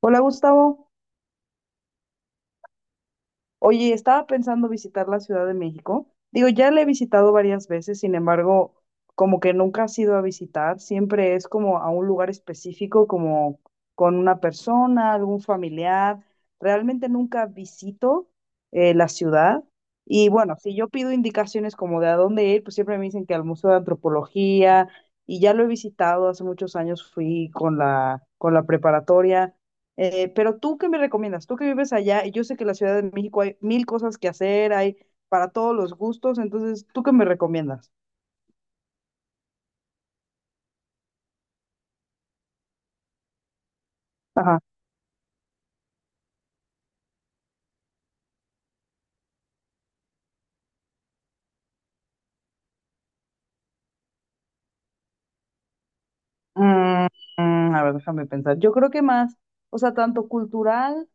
Hola Gustavo, oye, estaba pensando visitar la Ciudad de México. Digo, ya la he visitado varias veces, sin embargo, como que nunca has ido a visitar, siempre es como a un lugar específico, como con una persona, algún familiar. Realmente nunca visito la ciudad. Y bueno, si yo pido indicaciones como de a dónde ir, pues siempre me dicen que al Museo de Antropología, y ya lo he visitado, hace muchos años fui con con la preparatoria. Pero tú, ¿qué me recomiendas? Tú que vives allá, y yo sé que en la Ciudad de México hay mil cosas que hacer, hay para todos los gustos, entonces, ¿tú qué me recomiendas? Ajá. Mm, a ver, déjame pensar. Yo creo que más, o sea, tanto cultural,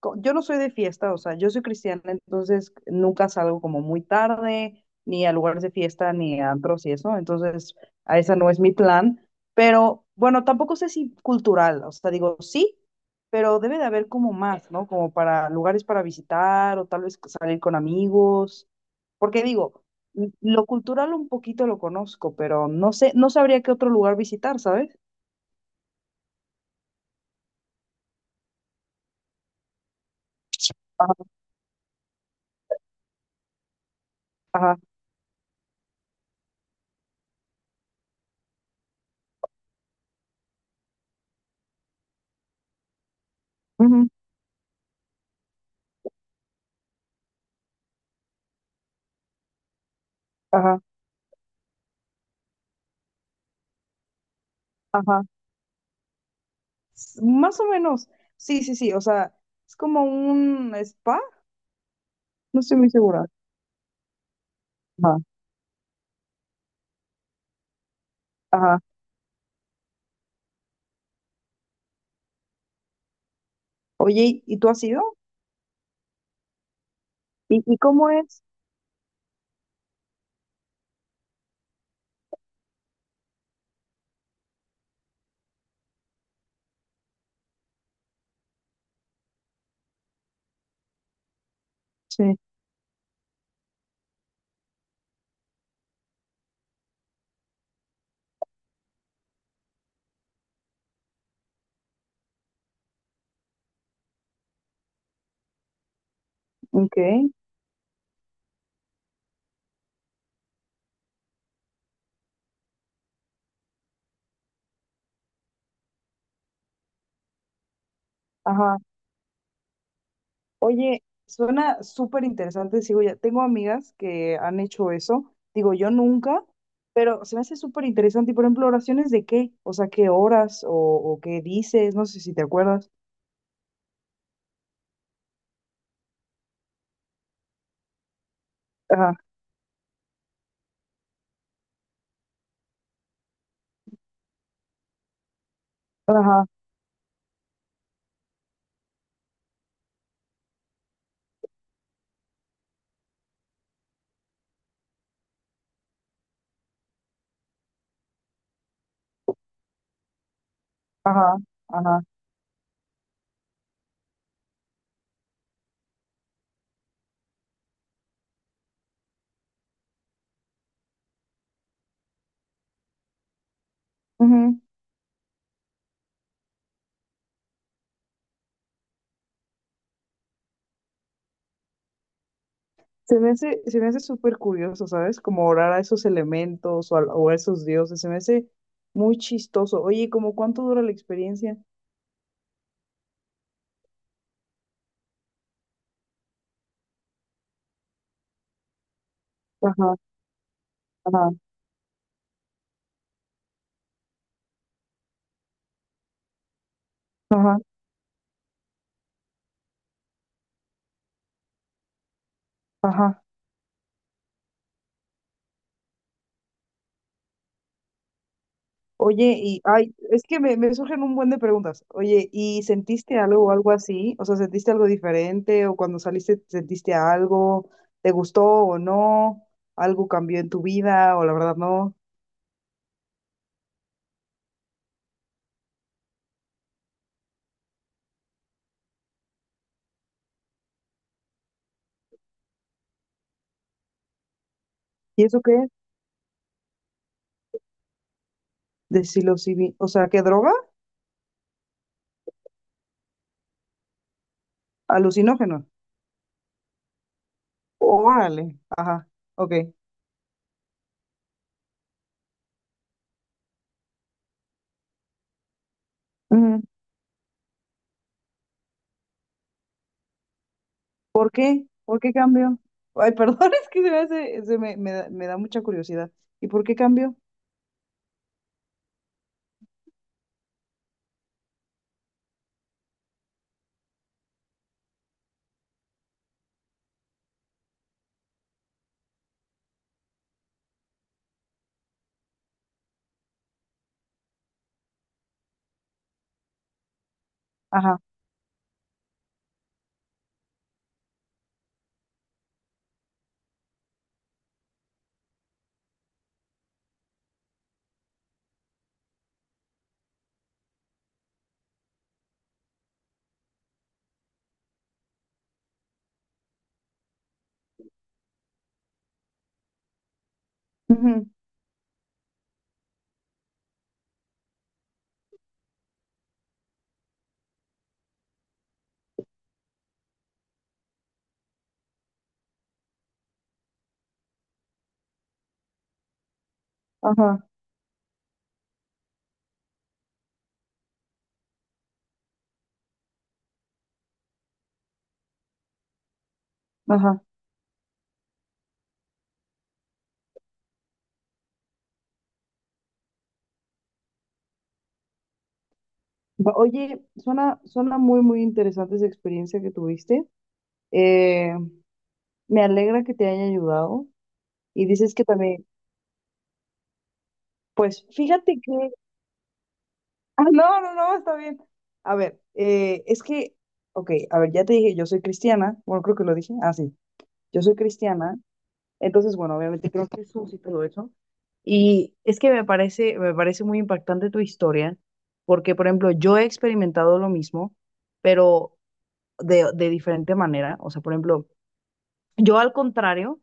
yo no soy de fiesta, o sea, yo soy cristiana, entonces nunca salgo como muy tarde, ni a lugares de fiesta, ni a antros y eso, entonces a esa no es mi plan, pero bueno, tampoco sé si cultural, o sea, digo, sí, pero debe de haber como más, ¿no? Como para lugares para visitar o tal vez salir con amigos, porque digo, lo cultural un poquito lo conozco, pero no sé, no sabría qué otro lugar visitar, ¿sabes? Ujú. Ajá, ajá. Más o menos. Sí, sí, sí. O sea, es como un spa. No estoy muy segura. Ajá, ajá. Oye, ¿y tú has ido? Y cómo es? Sí. Ok. Ajá. Oye, suena súper interesante. Sigo ya. Tengo amigas que han hecho eso. Digo, yo nunca, pero se me hace súper interesante. Y por ejemplo, ¿oraciones de qué? O sea, ¿qué horas o qué dices? No sé si te acuerdas. Ajá, ajá, ajá, ajá. Ujú. Se me hace súper curioso, ¿sabes? Como orar a esos elementos o a esos dioses. Se me hace muy chistoso. Oye, ¿cómo cuánto dura la experiencia? Ajá, ajá, ajá, ajá. Oye, y ay, es que me surgen un buen de preguntas. Oye, ¿y sentiste algo o algo así? O sea, ¿sentiste algo diferente? ¿O cuando saliste sentiste algo? ¿Te gustó o no? ¿Algo cambió en tu vida o la verdad no? ¿Y eso qué? O sea, ¿qué droga? Alucinógeno. Órale. Ajá. Ok. Ujú. ¿Por qué? ¿Por qué cambió? Ay, perdón, es que se me hace, se me, me da mucha curiosidad. ¿Y por qué cambió? Ajá. Ujú. Ajá. Ajá. Oye, suena, suena muy, muy interesante esa experiencia que tuviste. Eh, me alegra que te haya ayudado. Y dices que también, pues fíjate que... Ah, no, no, no, está bien. A ver, es que, ok, a ver, ya te dije, yo soy cristiana. Bueno, creo que lo dije. Ah, sí, yo soy cristiana. Entonces, bueno, obviamente creo que Jesús y todo eso. Y es que me parece muy impactante tu historia, porque, por ejemplo, yo he experimentado lo mismo, pero de diferente manera. O sea, por ejemplo... Yo al contrario,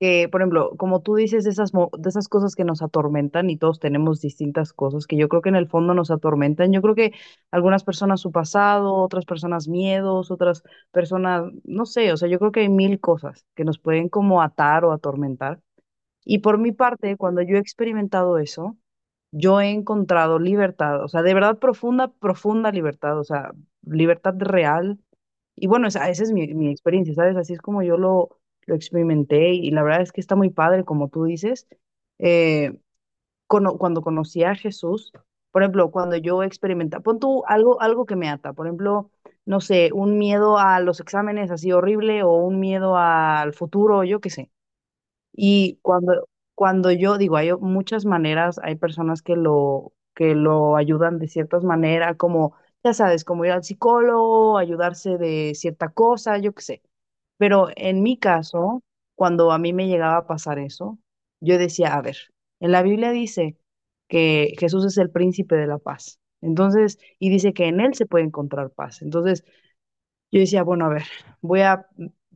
que por ejemplo, como tú dices, de esas cosas que nos atormentan y todos tenemos distintas cosas que yo creo que en el fondo nos atormentan. Yo creo que algunas personas su pasado, otras personas miedos, otras personas, no sé, o sea, yo creo que hay mil cosas que nos pueden como atar o atormentar. Y por mi parte, cuando yo he experimentado eso, yo he encontrado libertad, o sea, de verdad profunda, profunda libertad, o sea, libertad real. Y bueno, esa es mi experiencia, ¿sabes? Así es como yo lo experimenté y la verdad es que está muy padre, como tú dices. Eh, Cuando conocí a Jesús, por ejemplo, cuando yo experimentaba, pon tú algo, algo que me ata, por ejemplo, no sé, un miedo a los exámenes así horrible o un miedo al futuro, yo qué sé. y cuando, Cuando yo digo, hay muchas maneras, hay personas que lo ayudan de ciertas maneras, como, ya sabes, como ir al psicólogo, ayudarse de cierta cosa, yo qué sé. Pero en mi caso, cuando a mí me llegaba a pasar eso, yo decía, a ver, en la Biblia dice que Jesús es el príncipe de la paz. Entonces, y dice que en él se puede encontrar paz. Entonces, yo decía, bueno, a ver, voy a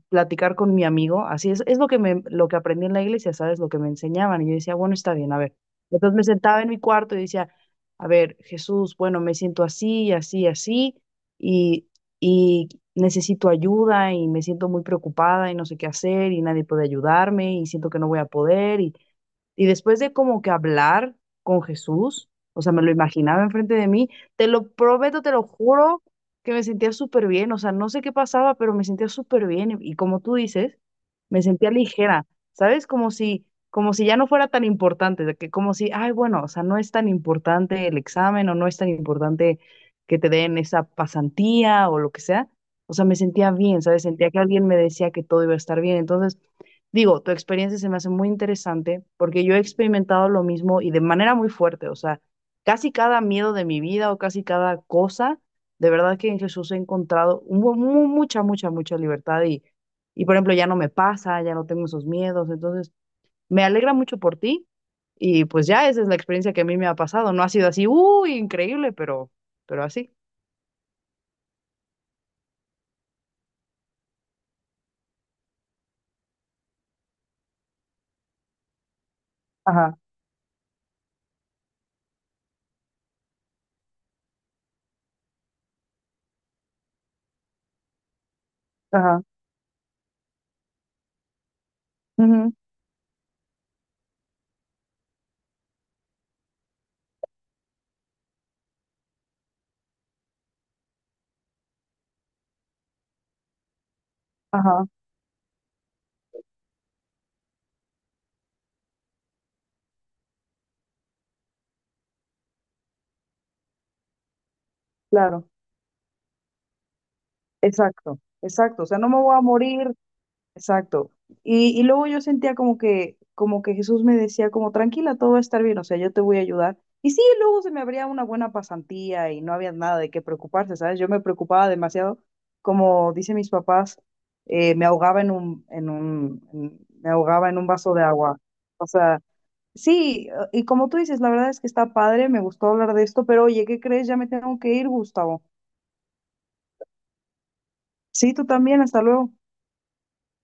platicar con mi amigo, así es lo que me, lo que aprendí en la iglesia, ¿sabes? Lo que me enseñaban. Y yo decía, bueno, está bien, a ver. Entonces me sentaba en mi cuarto y decía, a ver, Jesús, bueno, me siento así, así, así, y, y necesito ayuda y me siento muy preocupada y no sé qué hacer y nadie puede ayudarme y siento que no voy a poder. Y después de como que hablar con Jesús, o sea, me lo imaginaba enfrente de mí, te lo prometo, te lo juro, que me sentía súper bien, o sea, no sé qué pasaba, pero me sentía súper bien y como tú dices, me sentía ligera, ¿sabes? Como si ya no fuera tan importante, de que como si, ay, bueno, o sea, no es tan importante el examen o no es tan importante que te den esa pasantía o lo que sea. O sea, me sentía bien, ¿sabes? Sentía que alguien me decía que todo iba a estar bien. Entonces, digo, tu experiencia se me hace muy interesante porque yo he experimentado lo mismo y de manera muy fuerte, o sea, casi cada miedo de mi vida o casi cada cosa, de verdad que en Jesús he encontrado mucha, mucha, mucha libertad y, por ejemplo, ya no me pasa, ya no tengo esos miedos, entonces me alegra mucho por ti y pues ya esa es la experiencia que a mí me ha pasado, no ha sido así, uy, increíble, pero así. Ajá, ajá, ujú, ajá, claro, exacto, exacto. O sea, no me voy a morir. Exacto. Y luego yo sentía como que Jesús me decía como, tranquila, todo va a estar bien, o sea, yo te voy a ayudar. Y sí, luego se me abría una buena pasantía y no había nada de qué preocuparse, ¿sabes? Yo me preocupaba demasiado, como dicen mis papás, me ahogaba en me ahogaba en un vaso de agua. O sea, sí, y como tú dices, la verdad es que está padre, me gustó hablar de esto, pero oye, ¿qué crees? Ya me tengo que ir, Gustavo. Sí, tú también, hasta luego.